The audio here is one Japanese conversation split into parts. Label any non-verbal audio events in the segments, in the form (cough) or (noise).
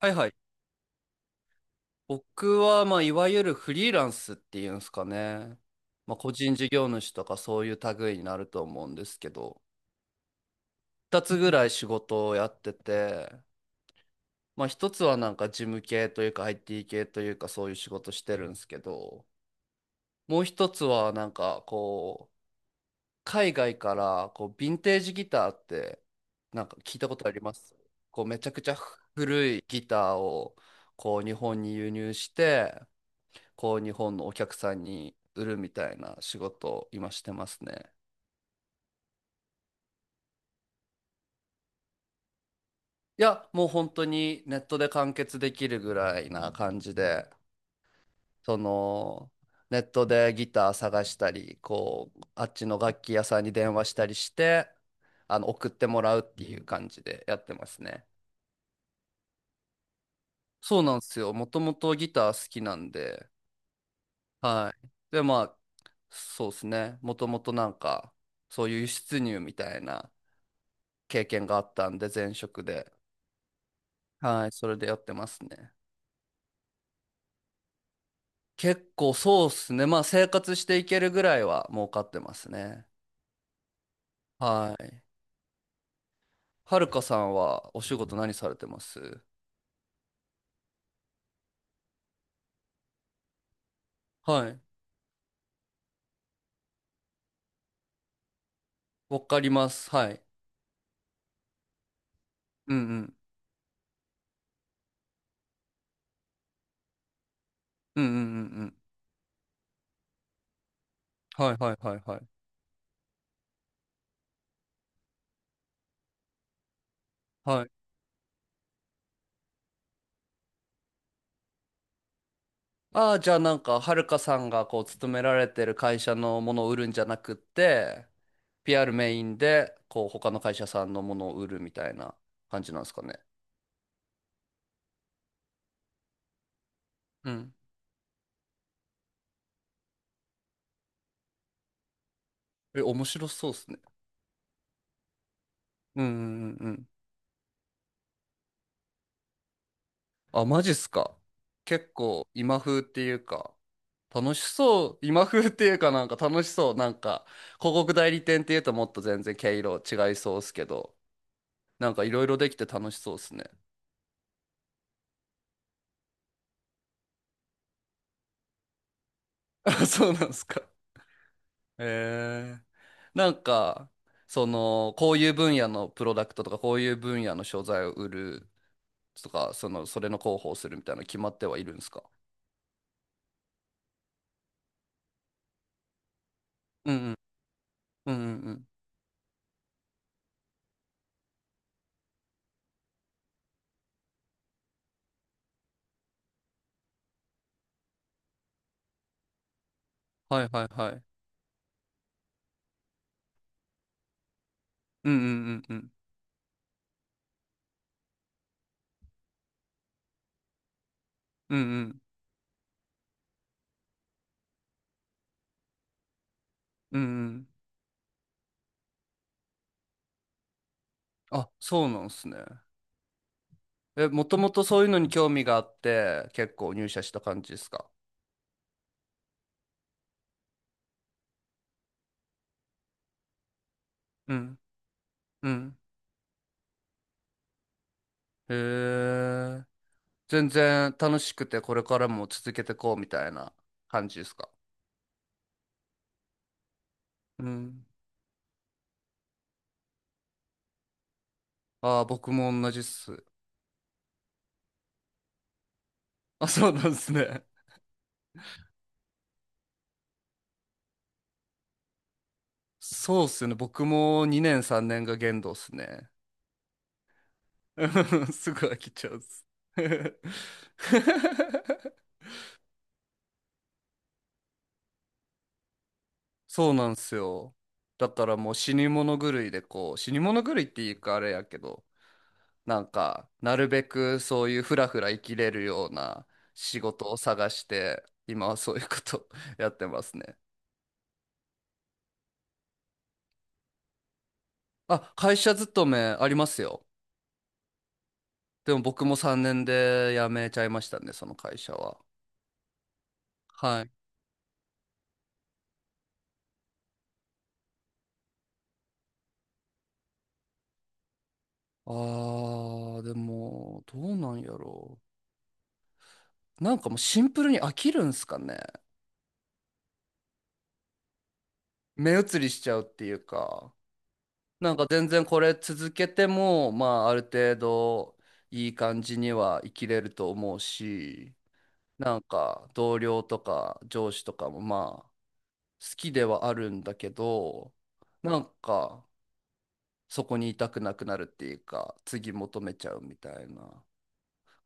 はいはい。僕は、いわゆるフリーランスっていうんですかね。まあ、個人事業主とかそういう類になると思うんですけど、二つぐらい仕事をやってて、まあ、一つはなんか事務系というか IT 系というかそういう仕事してるんですけど、もう一つはなんかこう、海外からこう、ヴィンテージギターってなんか聞いたことありますこう、めちゃくちゃ古いギターをこう、日本に輸入して、こう日本のお客さんに売るみたいな仕事を今してますね。いや、もう本当にネットで完結できるぐらいな感じで、そのネットでギター探したり、こう、あっちの楽器屋さんに電話したりして、あの送ってもらうっていう感じでやってますね。そうなんですよ。もともとギター好きなんで、はい。で、まあ、そうですね。もともとなんか、そういう輸出入みたいな経験があったんで、前職で。はい、それでやってますね。結構そうっすね。まあ生活していけるぐらいは儲かってますね。はい。はるかさんはお仕事何されてます？はい。わかります。はい。うんうん。うんうんうんうん。はいはいはいはい。はい。ああ、じゃあなんか、はるかさんがこう、勤められてる会社のものを売るんじゃなくって、PR メインで、こう、他の会社さんのものを売るみたいな感じなんですかね。うん。え、面白そうっすね。うんうんうんうん。あ、マジっすか。結構今風っていうか、楽しそう、今風っていうかなんか楽しそう、なんか広告代理店っていうともっと全然毛色違いそうっすけど、なんかいろいろできて楽しそうっすね。(laughs) あ、そうなんですか。えー、なんか、その、こういう分野のプロダクトとか、こういう分野の商材を売るとか、その、それの広報するみたいなの決まってはいるんですか？うんうん。うんうんうん。はいはいはい。うんうんうんうん。うんうん。うんうん。あ、そうなんですね。え、もともとそういうのに興味があって、結構入社した感じですか？うん、うん。へえ。全然楽しくて、これからも続けてこうみたいな感じですか？うん。ああ、僕も同じっす。あ、そうなんですね。そうっすよね。僕も2年3年が限度っすね。(laughs) うんすぐ飽きちゃうっす。(laughs) そうなんすよ。だからもう死に物狂いでこう、死に物狂いっていうかあれやけど、なんか、なるべくそういうふらふら生きれるような仕事を探して、今はそういうこと (laughs) やってますね。あ、会社勤めありますよ。でも僕も3年で辞めちゃいましたね、その会社は。はい。あー、でも、どうなんやろう。なんかもうシンプルに飽きるんすかね。目移りしちゃうっていうか、なんか全然これ続けても、まあある程度いい感じには生きれると思うし、なんか同僚とか上司とかもまあ好きではあるんだけどなんかそこにいたくなくなるっていうか次求めちゃうみたいな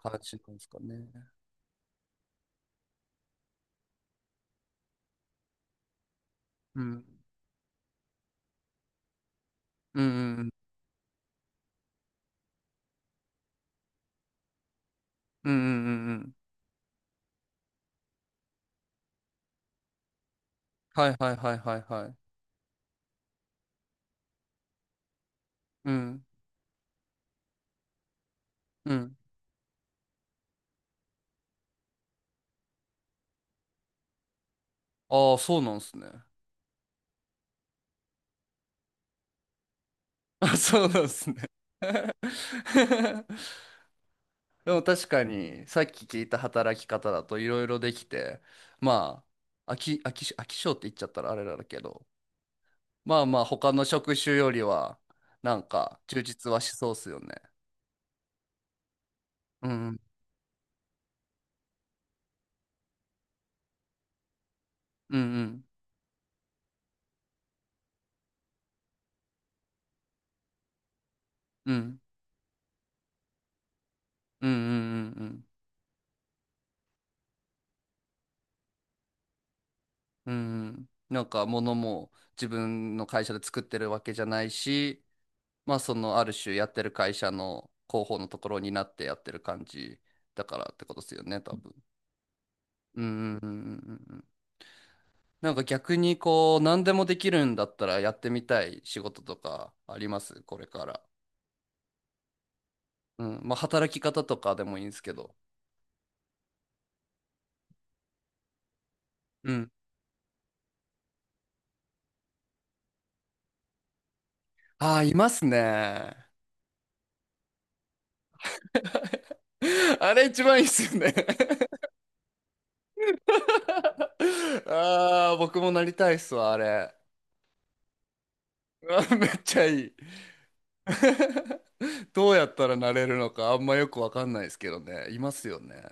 感じなんですかね。うん。うんうんうんうんうんうんうん、はいはいはいはいはい。うんうん、ああーそうなんですね。(laughs) あ、そうなんですね。(laughs) でも確かにさっき聞いた働き方だといろいろできてまあ飽き性って言っちゃったらあれだけど、まあまあ、他の職種よりは、なんか、充実はしそうっすよね。うん、うん、うん、うん、うん、うん、うん、うん。うんうん、なんか、物も自分の会社で作ってるわけじゃないし、まあ、その、ある種やってる会社の広報のところになってやってる感じだからってことですよね、多分。うん、うん、うん、うんうん。なんか逆にこう、何でもできるんだったらやってみたい仕事とかありますこれから。うん。まあ、働き方とかでもいいんですけど。ああ、いますね。(laughs) あれ一番いいっすよね。 (laughs) ああ、僕もなりたいっすわ、あれ。(laughs) うわめっちゃいい。(laughs) どうやったらなれるのかあんまよくわかんないですけどね。いますよね。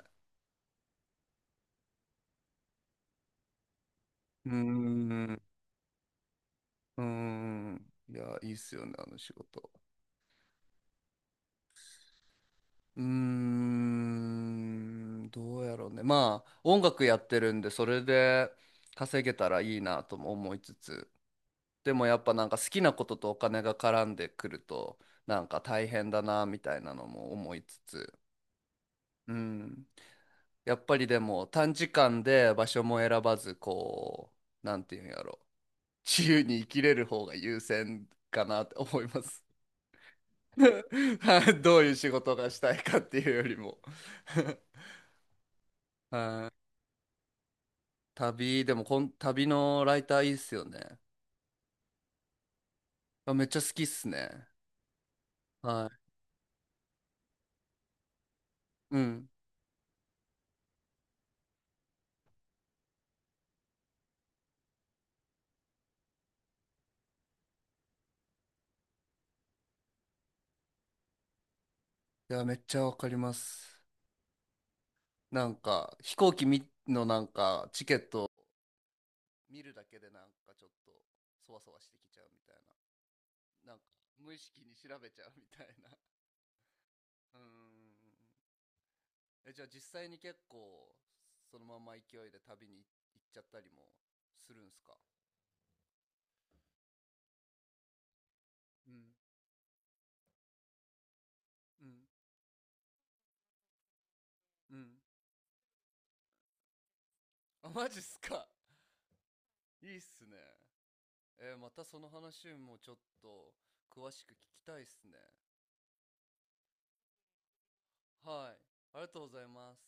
うーん。うーん。いや、いいっすよね、あの仕事。うーん。どうやろうね。まあ、音楽やってるんで、それで稼げたらいいなとも思いつつ。でもやっぱなんか好きなこととお金が絡んでくるとなんか大変だなみたいなのも思いつつ、うん、やっぱりでも短時間で場所も選ばずこうなんていうんやろ自由に生きれる方が優先かなって思います。(laughs) はい、どういう仕事がしたいかっていうよりも。 (laughs) はい、旅でもこん旅のライターいいっすよね。あ、めっちゃ好きっすね。はい。うん。いやめっちゃわかります。なんか飛行機みのなんかチケット見るだけでなんかちょっとそわそわしてきちゃうみたいな、なんか無意識に調べちゃうみたいな。うーん、え、じゃあ実際に結構そのまま勢いで旅に行っちゃったりもするんすか？うんうんうん、あマジっすか？ (laughs) いいっすね、えーまたその話もちょっと詳しく聞きたいっすね。はい、ありがとうございます。